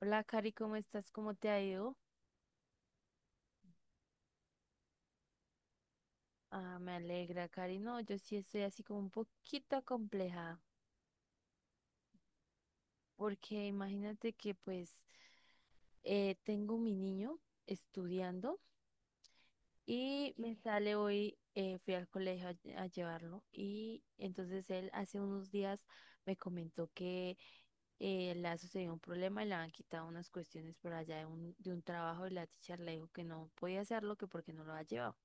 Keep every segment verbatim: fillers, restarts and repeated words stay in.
Hola, Cari, ¿cómo estás? ¿Cómo te ha ido? Ah, me alegra, Cari. No, yo sí estoy así como un poquito acomplejada, porque imagínate que pues eh, tengo mi niño estudiando y me sale hoy, eh, fui al colegio a, a llevarlo y entonces él hace unos días me comentó que eh, le ha sucedido un problema y le han quitado unas cuestiones por allá de un, de un trabajo y la teacher le dijo que no podía hacerlo, que porque no lo había llevado.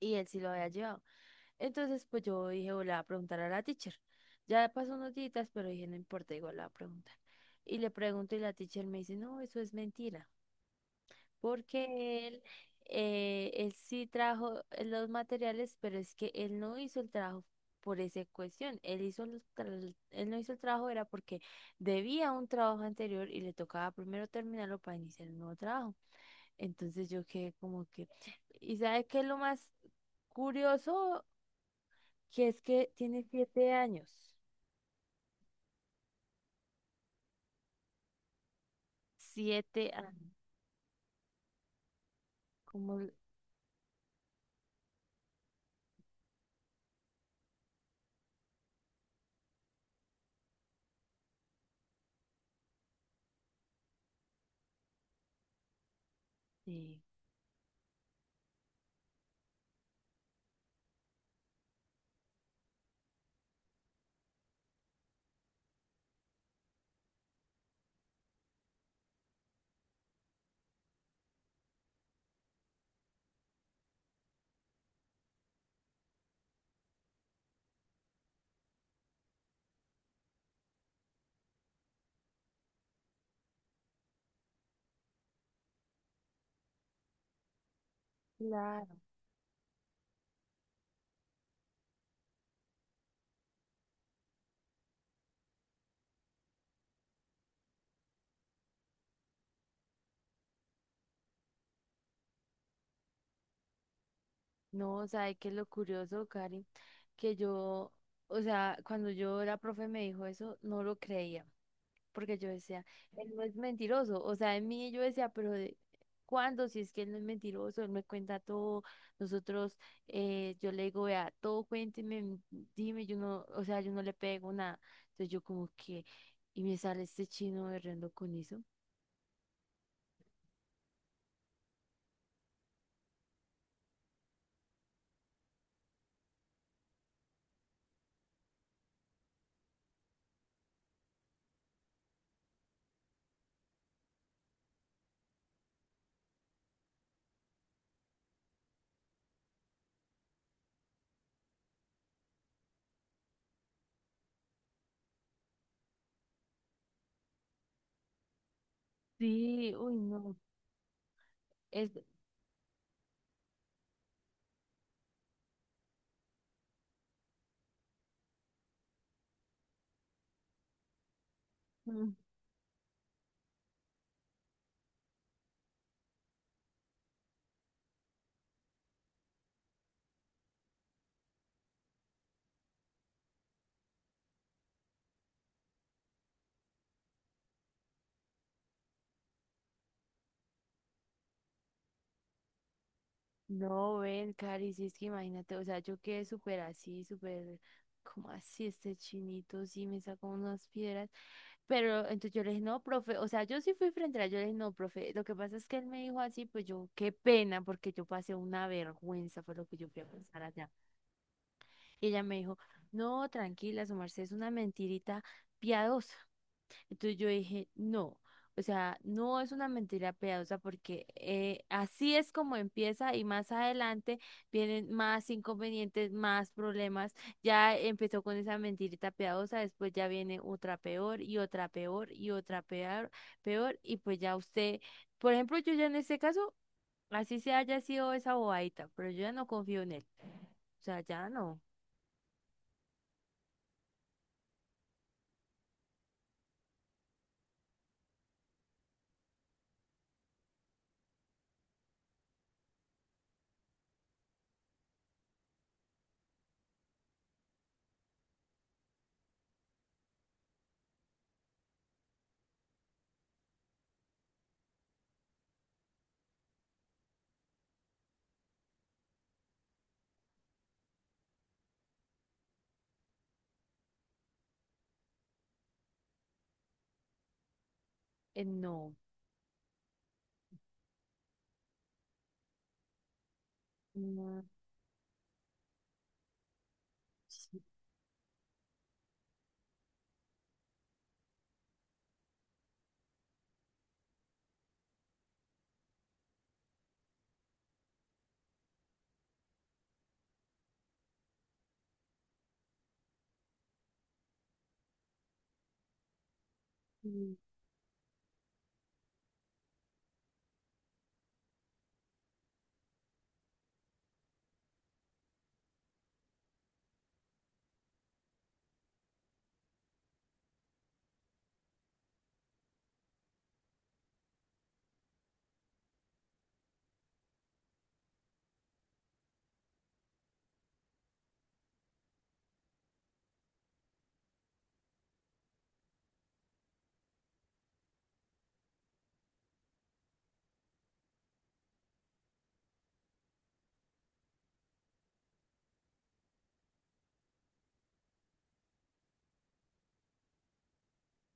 Y él sí lo había llevado. Entonces, pues yo dije, o le voy a preguntar a la teacher. Ya pasó unos días, pero dije, no importa, igual le voy a preguntar. Y le pregunto y la teacher me dice, no, eso es mentira, porque él, eh, él sí trajo los materiales, pero es que él no hizo el trabajo por esa cuestión. Él hizo los tra- él no hizo el trabajo era porque debía un trabajo anterior y le tocaba primero terminarlo para iniciar un nuevo trabajo. Entonces yo quedé como que, ¿y sabe qué es lo más curioso? Que es que tiene siete años. Siete años. Como, l- sí, claro. No, o sea, es que lo curioso, Cari, que yo, o sea, cuando yo la profe me dijo eso, no lo creía, porque yo decía, él no es mentiroso. O sea, en mí yo decía, pero de, ¿cuándo? Si es que él no es mentiroso, él me cuenta todo. Nosotros, eh, yo le digo, vea, todo cuénteme, m- dime, yo no, o sea, yo no le pego nada. Entonces yo como que, y me sale este chino berreando con eso. Sí, uy, no, es, mm, no, ven, Cari, si es que imagínate, o sea, yo quedé súper así, súper, como así, este chinito, sí, me sacó unas piedras, pero entonces yo le dije, no, profe, o sea, yo sí fui frente a él, yo le dije, no, profe, lo que pasa es que él me dijo así, pues yo, qué pena, porque yo pasé una vergüenza, fue lo que yo fui a pensar allá, y ella me dijo, no, tranquila, su merced es una mentirita piadosa. Entonces yo dije, no, o sea, no es una mentira piadosa porque eh, así es como empieza y más adelante vienen más inconvenientes, más problemas. Ya empezó con esa mentirita piadosa, después ya viene otra peor y otra peor y otra peor, peor y pues ya usted, por ejemplo, yo ya en este caso, así se haya sido esa bobadita, pero yo ya no confío en él. O sea, ya no, eh, no. No, sí.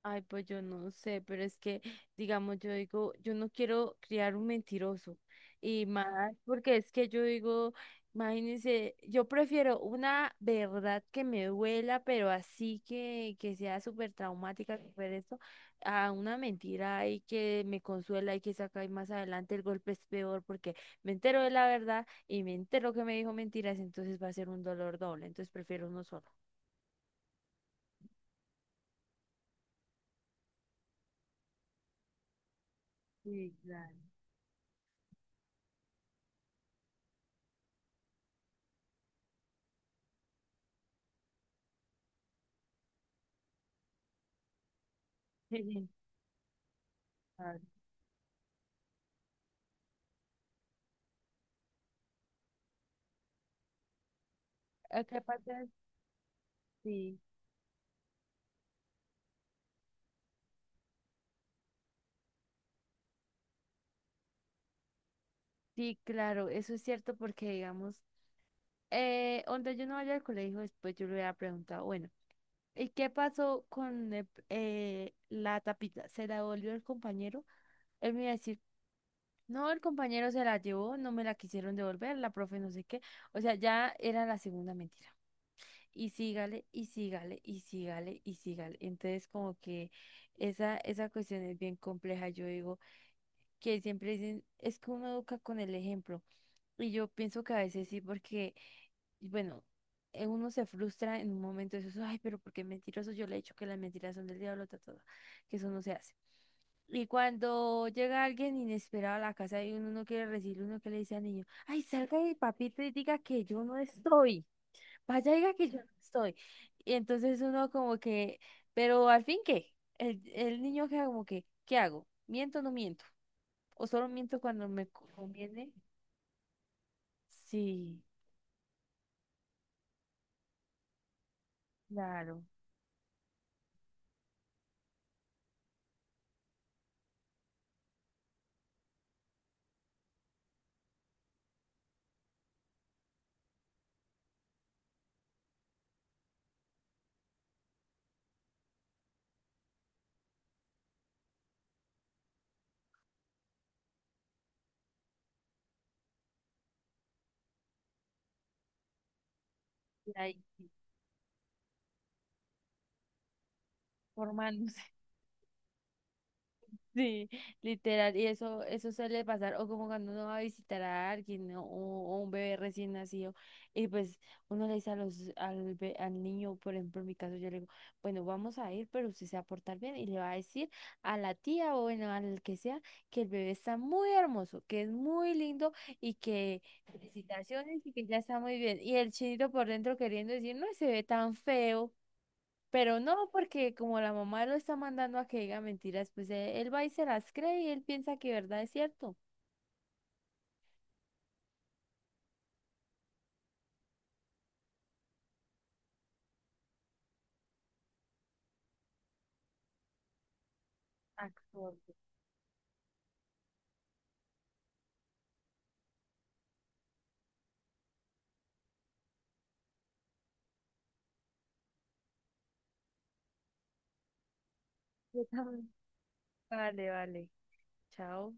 Ay, pues yo no sé, pero es que, digamos, yo digo, yo no quiero criar un mentiroso. Y más, porque es que yo digo, imagínense, yo prefiero una verdad que me duela, pero así que, que sea súper traumática, súper esto, a una mentira ahí que me consuela y que saca y más adelante el golpe es peor porque me entero de la verdad y me entero que me dijo mentiras, entonces va a ser un dolor doble, entonces prefiero uno solo. Sí, claro. Claro. ¿A qué parte? Sí, sí, claro, eso es cierto porque, digamos, eh, donde yo no vaya al colegio, después yo le hubiera preguntado, bueno, ¿y qué pasó con el- eh, la tapita? ¿Se la devolvió el compañero? Él me iba a decir, no, el compañero se la llevó, no me la quisieron devolver, la profe no sé qué. O sea, ya era la segunda mentira. Y sígale, y sígale, y sígale, y sígale. Entonces, como que esa, esa cuestión es bien compleja, yo digo, que siempre dicen, es que uno educa con el ejemplo. Y yo pienso que a veces sí, porque, y bueno, eh, uno se frustra en un momento de eso, ay, pero porque mentiroso, yo le he dicho que las mentiras son del diablo, ta, ta, ta, que eso no se hace. Y cuando llega alguien inesperado a la casa y uno no quiere recibir, uno que le dice al niño, ay, salga de papito y diga que yo no estoy, vaya, diga que yo no estoy. Y entonces uno como que, pero al fin, ¿qué? El, el niño queda como que, ¿qué hago? ¿Miento o no miento? ¿O solo miento cuando me conviene? Sí, claro. Y ahí formándose. Sí, literal, y eso, eso suele pasar, o como cuando uno va a visitar a alguien, ¿no? O, o un bebé recién nacido, y pues uno le dice a los, al, be- al niño, por ejemplo, en mi caso, yo le digo, bueno, vamos a ir, pero usted se va a portar bien, y le va a decir a la tía, o bueno, al que sea, que el bebé está muy hermoso, que es muy lindo, y que felicitaciones, y que ya está muy bien, y el chinito por dentro queriendo decir, no, se ve tan feo. Pero no, porque como la mamá lo está mandando a que diga mentiras, pues e- él va y se las cree y él piensa que verdad es cierto. Actor. Yo también. Vale, vale. Chao.